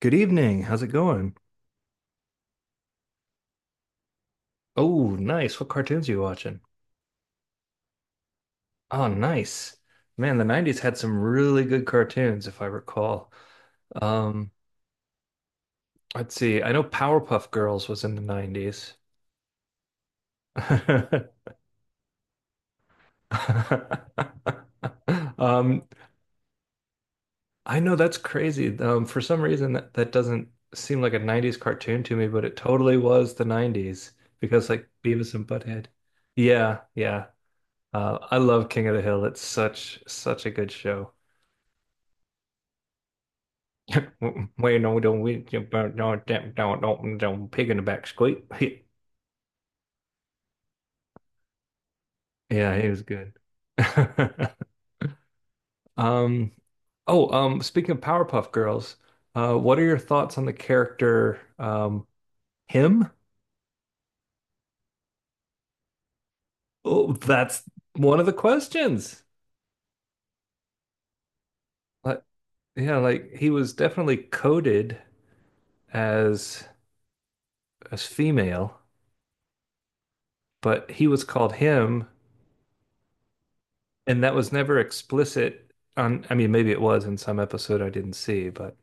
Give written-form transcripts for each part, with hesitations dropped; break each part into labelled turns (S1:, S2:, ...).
S1: Good evening. How's it going? Oh, nice. What cartoons are you watching? Oh, nice. Man, the 90s had some really good cartoons, if I recall. Um, let's see. I know Powerpuff Girls was in the 90s. Um, I know that's crazy. For some reason that doesn't seem like a 90s cartoon to me, but it totally was the 90s because like Beavis and Butthead. Yeah, yeah. I love King of the Hill. It's such a good show. Waiting no, them with your don't we jump out, don't tap, don't pig in the back squeak. Yeah, he was good. Um, oh, Speaking of Powerpuff Girls, what are your thoughts on the character, him? Oh, that's one of the questions. Like, yeah, like he was definitely coded as as female, but he was called him, and that was never explicit on, I mean, maybe it was in some episode I didn't see, but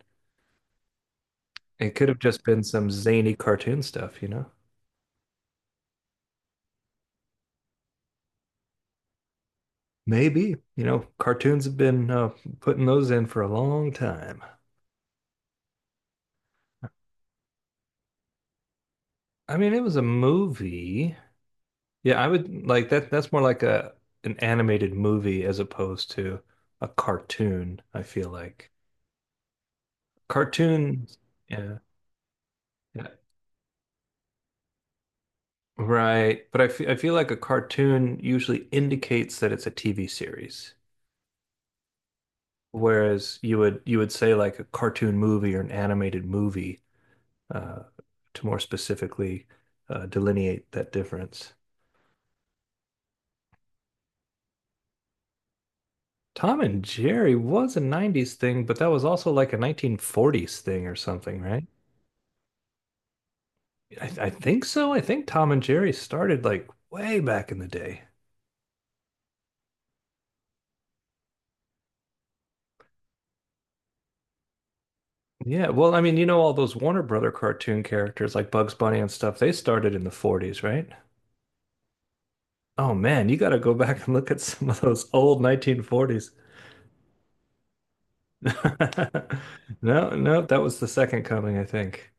S1: it could have just been some zany cartoon stuff, you know? Maybe. You know, cartoons have been putting those in for a long time. I mean, it was a movie. Yeah, I would like that. That's more like a an animated movie as opposed to a cartoon, I feel like. Cartoon, yeah, yeah, right. But I feel like a cartoon usually indicates that it's a TV series. Whereas you would say like a cartoon movie or an animated movie uh, to more specifically delineate that difference. Tom and Jerry was a 90s thing, but that was also like a 1940s thing or something, right? I think so. I think Tom and Jerry started like way back in the day. Yeah, well, I mean, you know, all those Warner Brother cartoon characters like Bugs Bunny and stuff, they started in the 40s, right? Oh man, you got to go back and look at some of those old 1940s. No, no, that was the second coming, I think.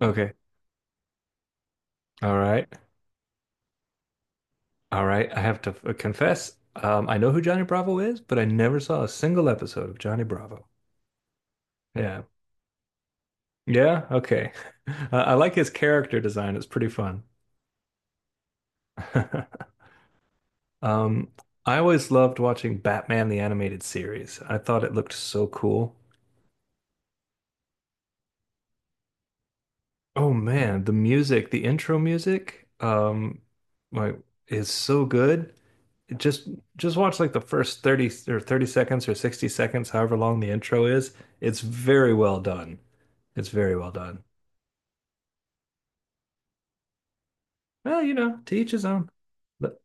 S1: Okay. All right. All right, I have to confess, I know who Johnny Bravo is, but I never saw a single episode of Johnny Bravo. Yeah. Yeah, okay. I like his character design. It's pretty fun. Um, I always loved watching Batman the animated series. I thought it looked so cool. Oh man, the music, the intro music, like is so good. just just watch like the first 30 or 30 seconds or 60 seconds, however long the intro is. It's very well done. It's very well done. Well, you know, to each his own. But,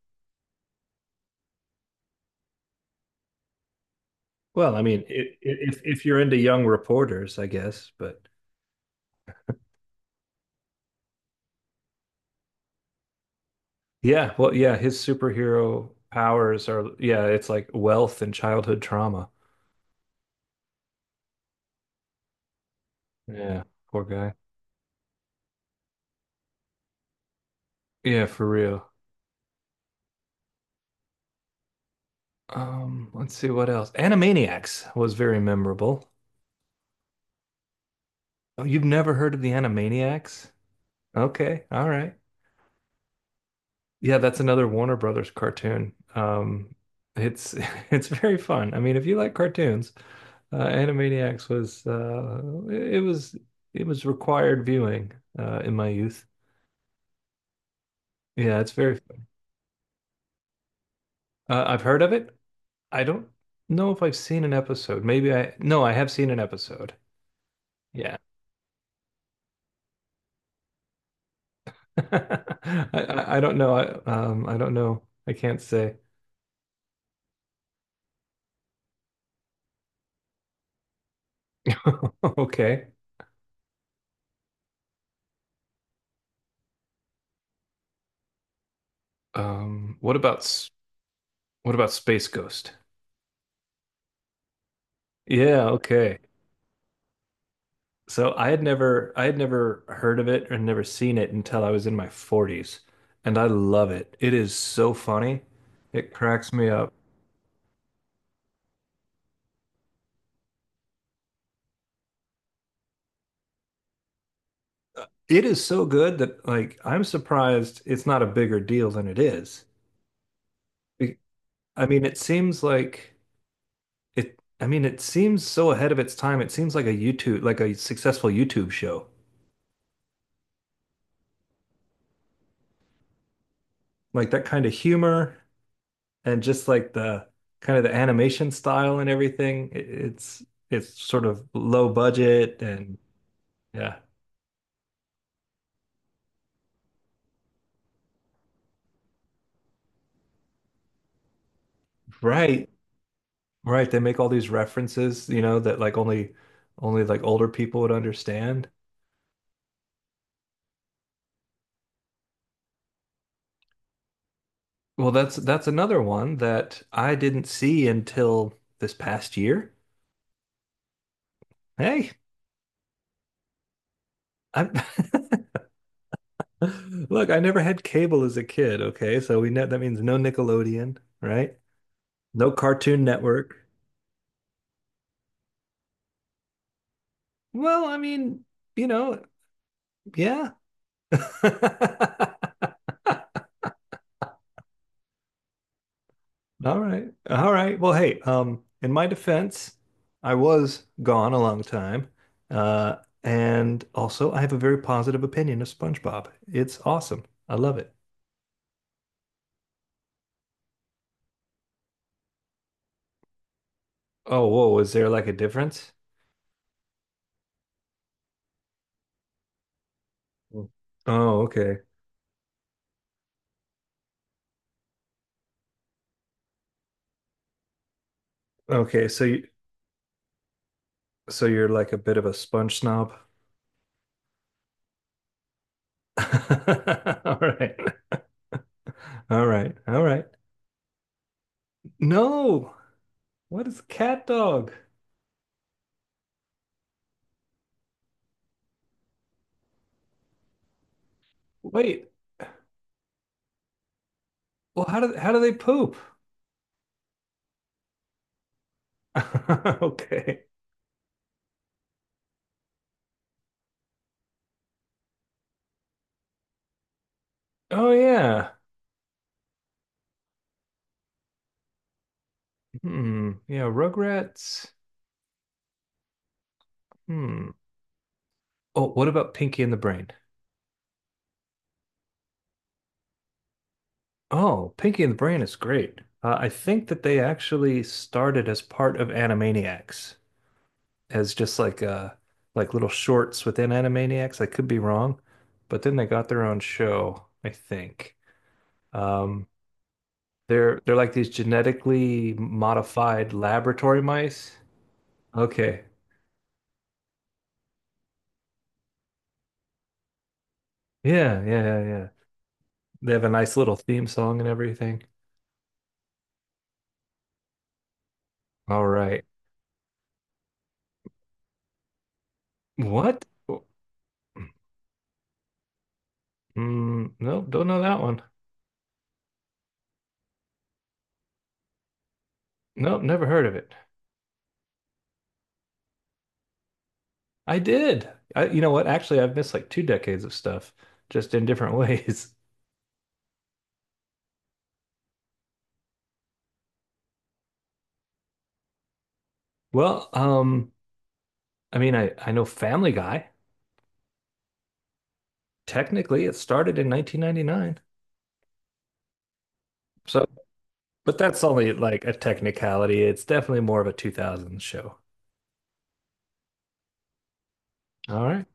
S1: well, I mean, if you're into young reporters, I guess, but yeah, well, yeah, his superhero powers are yeah, it's like wealth and childhood trauma. Yeah, poor guy. Yeah, for real. Let's see what else. Animaniacs was very memorable. Oh, you've never heard of the Animaniacs? Okay, all right. Yeah, that's another Warner Brothers cartoon. It's it's very fun. I mean, if you like cartoons, Animaniacs was it was it was required viewing in my youth. Yeah, it's very fun. I've heard of it. I don't know if I've seen an episode. Maybe I no, I have seen an episode. Yeah, I don't know. I don't know. I can't say. Okay. Um, what about s- what about Space Ghost? Yeah. Okay. So I had never heard of it and never seen it until I was in my 40s, and I love it. It is so funny. It cracks me up. It is so good that like I'm surprised it's not a bigger deal than it is. Be- I mean, it seems like I mean, it seems so ahead of its time. It seems like a YouTube like a successful YouTube show. Like that kind of humor and just like the kind of the animation style and everything. It's sort of low budget and yeah. Right. Right. They make all these references, you know, that like only like older people would understand. Well, that's another one that I didn't see until this past year. Hey, I look, I never had cable as a kid, okay? So we know that means no Nickelodeon, right? No Cartoon Network. Well, I mean, you know, yeah. All right. All right. Well, hey, in my defense, I was gone a long time. Uh, and also I have a very positive opinion of SpongeBob. It's awesome. I love it. Oh, whoa, is there like a difference? Mm. Oh, okay. Okay, so you so you're like a bit of a sponge snob. All right. All right. All right. No. What is cat dog? Wait. Well, how do they poop? Okay. Oh yeah. Hmm. Yeah, Rugrats. Hmm. Oh, what about Pinky and the Brain? Oh, Pinky and the Brain is great. I think that they actually started as part of Animaniacs, as just like little shorts within Animaniacs. I could be wrong, but then they got their own show, I think. Um, they're like these genetically modified laboratory mice. Okay. Yeah, yeah, yeah, yeah. They have a nice little theme song and everything. All right. What? Mm, nope, don't know that one. Nope, never heard of it. I did. I, you know what? Actually, I've missed like two decades of stuff, just in different ways. Well, I mean, I know Family Guy. Technically, it started in 1999. So, but that's only like a technicality. It's definitely more of a 2000s show. All right.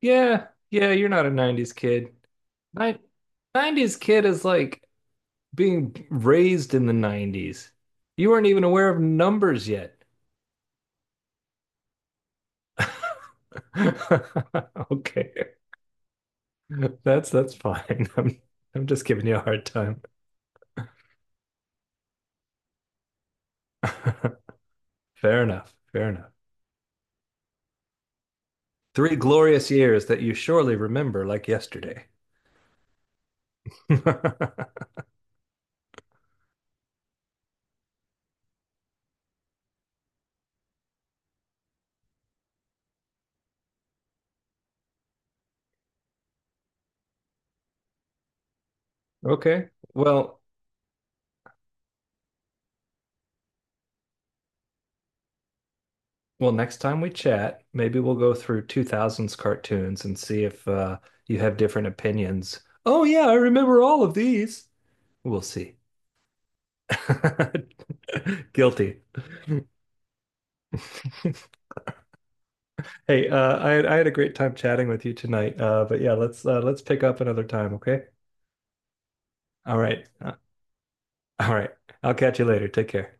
S1: Yeah, yeah. You're not a 90s kid. Nin- 90s kid is like being raised in the 90s. You weren't even aware of numbers yet. Okay. That's fine. I'm just giving you a hard time. Fair enough. Fair enough. Three glorious years that you surely remember like yesterday. Okay. Well, next time we chat, maybe we'll go through 2000s cartoons and see if you have different opinions. Oh yeah, I remember all of these. We'll see. Guilty. Hey, I had a great time chatting with you tonight. But yeah, let's pick up another time, okay? All right. All right. I'll catch you later. Take care.